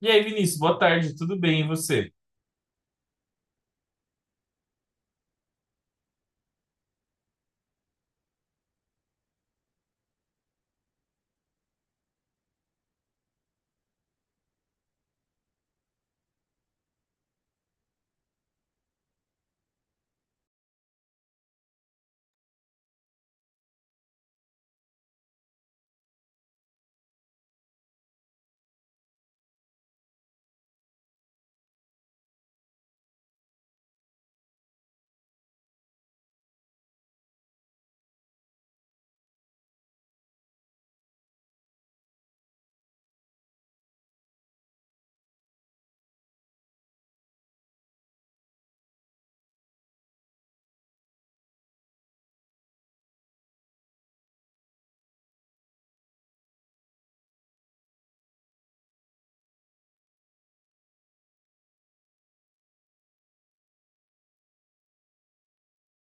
E aí, Vinícius, boa tarde, tudo bem e você?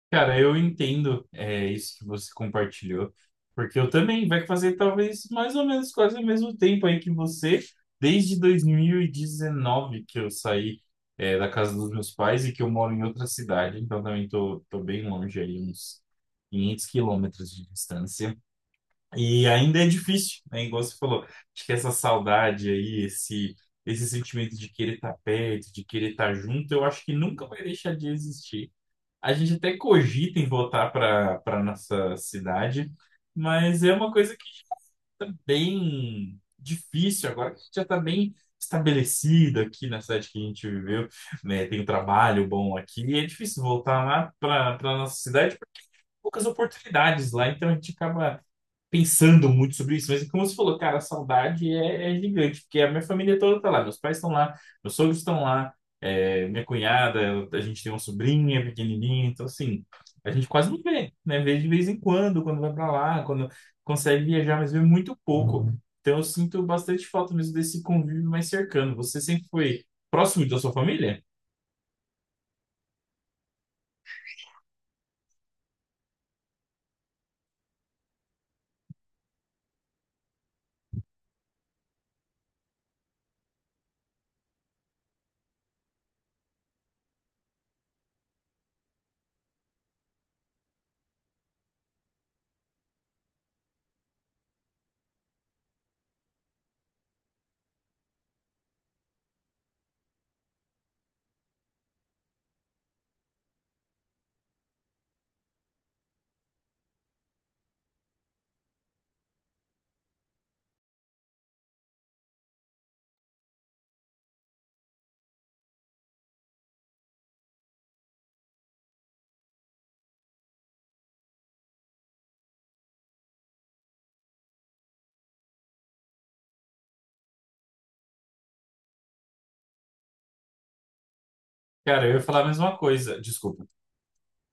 Cara, eu entendo isso que você compartilhou, porque eu também vai fazer talvez mais ou menos quase o mesmo tempo aí que você, desde 2019 que eu saí da casa dos meus pais e que eu moro em outra cidade, então também tô bem longe aí, uns 500 quilômetros de distância. E ainda é difícil, né? Igual você falou, acho que essa saudade aí, esse sentimento de querer estar perto, de querer estar junto, eu acho que nunca vai deixar de existir. A gente até cogita em voltar para nossa cidade, mas é uma coisa que tá bem difícil agora, que a gente já está bem estabelecido aqui na cidade que a gente viveu, né? Tem um trabalho bom aqui, e é difícil voltar lá para nossa cidade porque tem poucas oportunidades lá, então a gente acaba pensando muito sobre isso, mas como você falou, cara, a saudade é gigante, porque a minha família toda tá lá, meus pais estão lá, meus sogros estão lá, minha cunhada, a gente tem uma sobrinha pequenininha, então assim, a gente quase não vê, né? Vê de vez em quando, quando vai pra lá, quando consegue viajar, mas vê muito pouco. Então eu sinto bastante falta mesmo desse convívio mais cercano. Você sempre foi próximo da sua família? Cara, eu ia falar a mesma coisa. Desculpa.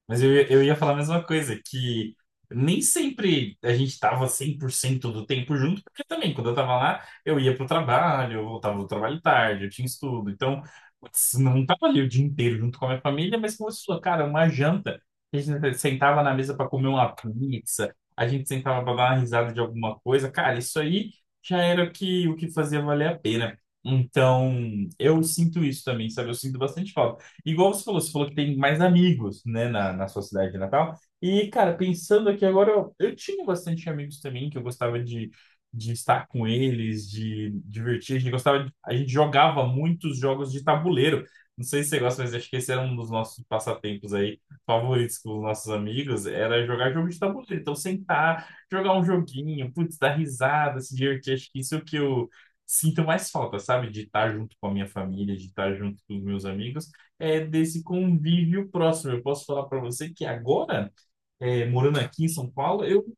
Eu ia falar a mesma coisa, que nem sempre a gente estava cento do tempo junto, porque também, quando eu estava lá, eu ia para o trabalho, eu voltava do trabalho tarde, eu tinha estudo. Então, putz, não estava ali o dia inteiro junto com a minha família, mas como você falou, cara, uma janta, a gente sentava na mesa para comer uma pizza, a gente sentava para dar uma risada de alguma coisa. Cara, isso aí já era o que fazia valer a pena. Então, eu sinto isso também, sabe? Eu sinto bastante falta. Igual você falou que tem mais amigos, né, na sua cidade natal. E, cara, pensando aqui agora, eu tinha bastante amigos também, que eu gostava de estar com eles, de divertir. A gente jogava muitos jogos de tabuleiro. Não sei se você gosta, mas acho que esse era um dos nossos passatempos aí favoritos com os nossos amigos, era jogar jogo de tabuleiro. Então, sentar, jogar um joguinho, putz, dar risada, se divertir. Acho que isso é o que eu sinto mais falta, sabe? De estar junto com a minha família, de estar junto com os meus amigos desse convívio próximo. Eu posso falar para você que agora, morando aqui em São Paulo, eu não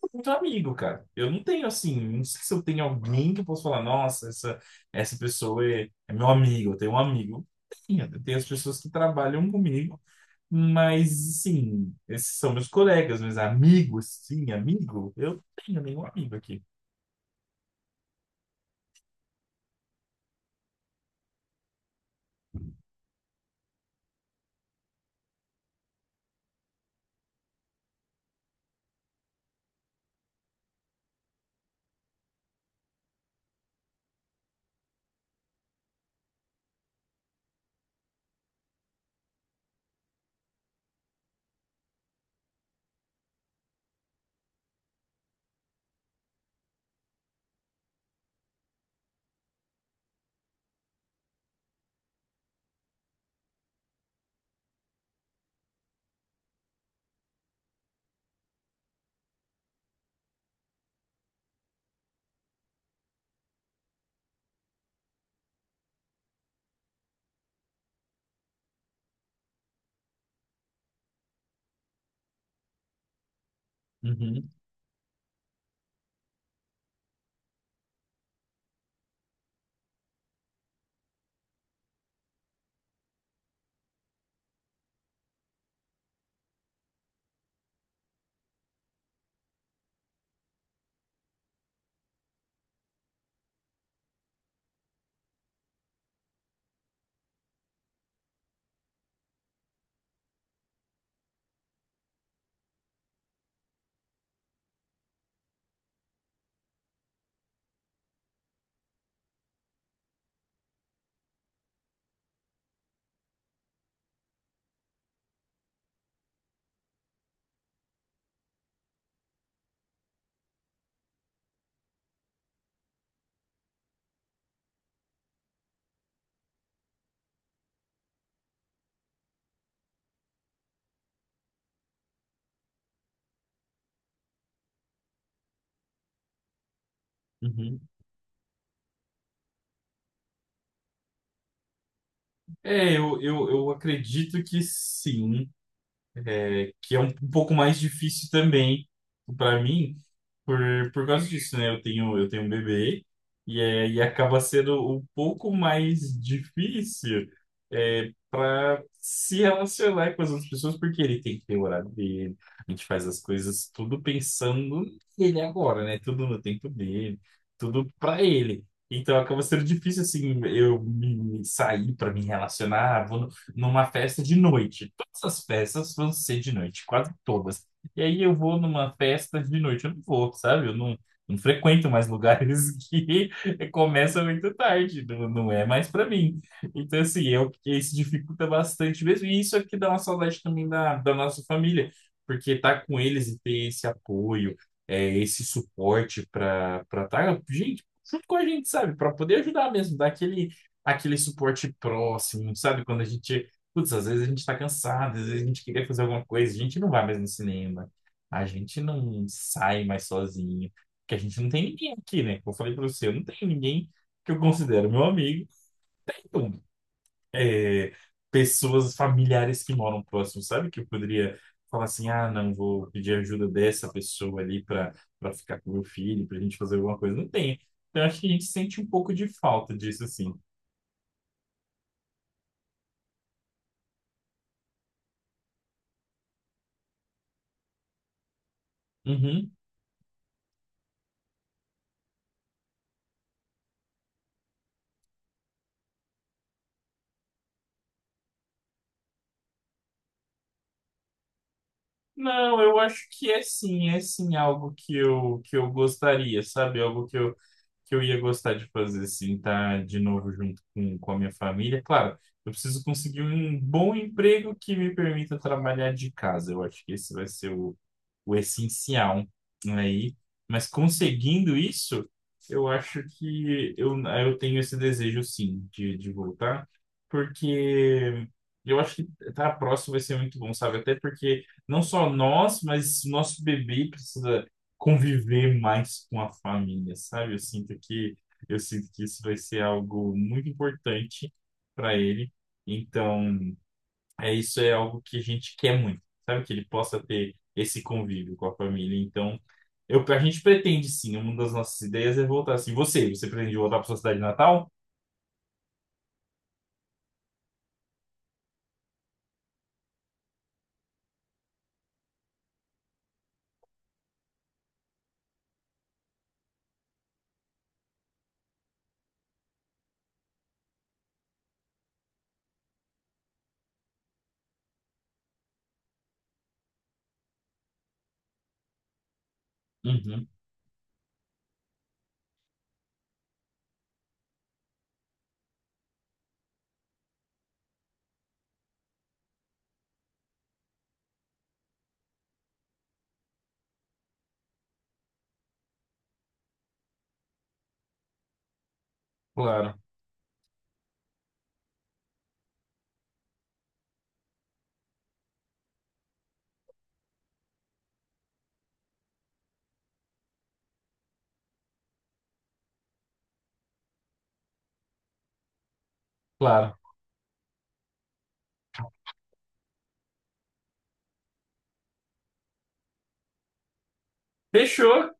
tenho muito amigo, cara. Eu não tenho assim, não sei se eu tenho alguém que eu posso falar, nossa, essa pessoa é meu amigo, eu tenho um amigo. Tenho, eu tenho as pessoas que trabalham comigo, mas sim, esses são meus colegas, meus amigos, sim, amigo, eu não tenho nenhum amigo aqui. Uhum, uhum. É, eu acredito que sim. Que é um, um pouco mais difícil também para mim, por, por causa disso, né? Eu tenho um bebê e, e acaba sendo um pouco mais difícil para se relacionar com as outras pessoas, porque ele tem que ter o horário dele, a gente faz as coisas tudo pensando nele agora, né? Tudo no tempo dele, tudo para ele. Então acaba sendo difícil assim eu me sair para me relacionar, vou no- numa festa de noite. Todas as festas vão ser de noite, quase todas. E aí eu vou numa festa de noite, eu não vou, sabe? Eu não, Não frequento mais lugares que começam muito tarde, não é mais pra mim. Então, assim, é o que isso dificulta bastante mesmo. E isso aqui dá uma saudade também da nossa família, porque tá com eles e ter esse apoio, esse suporte pra tá, gente, junto com a gente, sabe? Pra poder ajudar mesmo, dar aquele. Aquele suporte próximo, sabe? Quando a gente putz, às vezes a gente tá cansado, às vezes a gente queria fazer alguma coisa, a gente não vai mais no cinema, a gente não sai mais sozinho, porque a gente não tem ninguém aqui, né? Como eu falei pra você, eu não tenho ninguém que eu considero meu amigo, então, é, pessoas familiares que moram próximo, sabe? Que eu poderia falar assim, ah, não, vou pedir ajuda dessa pessoa ali pra ficar com meu filho, pra gente fazer alguma coisa, não tem. Então, eu acho que a gente sente um pouco de falta disso, assim. Uhum. Não, eu acho que é sim algo que que eu gostaria, sabe? Algo que que eu ia gostar de fazer, sim tá de novo junto com a minha família. Claro, eu preciso conseguir um bom emprego que me permita trabalhar de casa. Eu acho que esse vai ser o essencial aí. Mas conseguindo isso, eu acho que eu tenho esse desejo, sim, de voltar, porque eu acho que estar próximo vai ser muito bom, sabe? Até porque não só nós, mas nosso bebê precisa conviver mais com a família, sabe? Eu sinto que isso vai ser algo muito importante para ele. Então, é isso é algo que a gente quer muito, sabe? Que ele possa ter esse convívio com a família. Então, eu, a gente pretende sim, uma das nossas ideias é voltar assim. Você pretende voltar para sua cidade natal? Uhum, claro, claro. Fechou.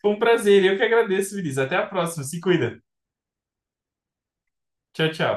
Foi um prazer. Eu que agradeço, Vinícius. Até a próxima. Se cuida. Tchau, tchau.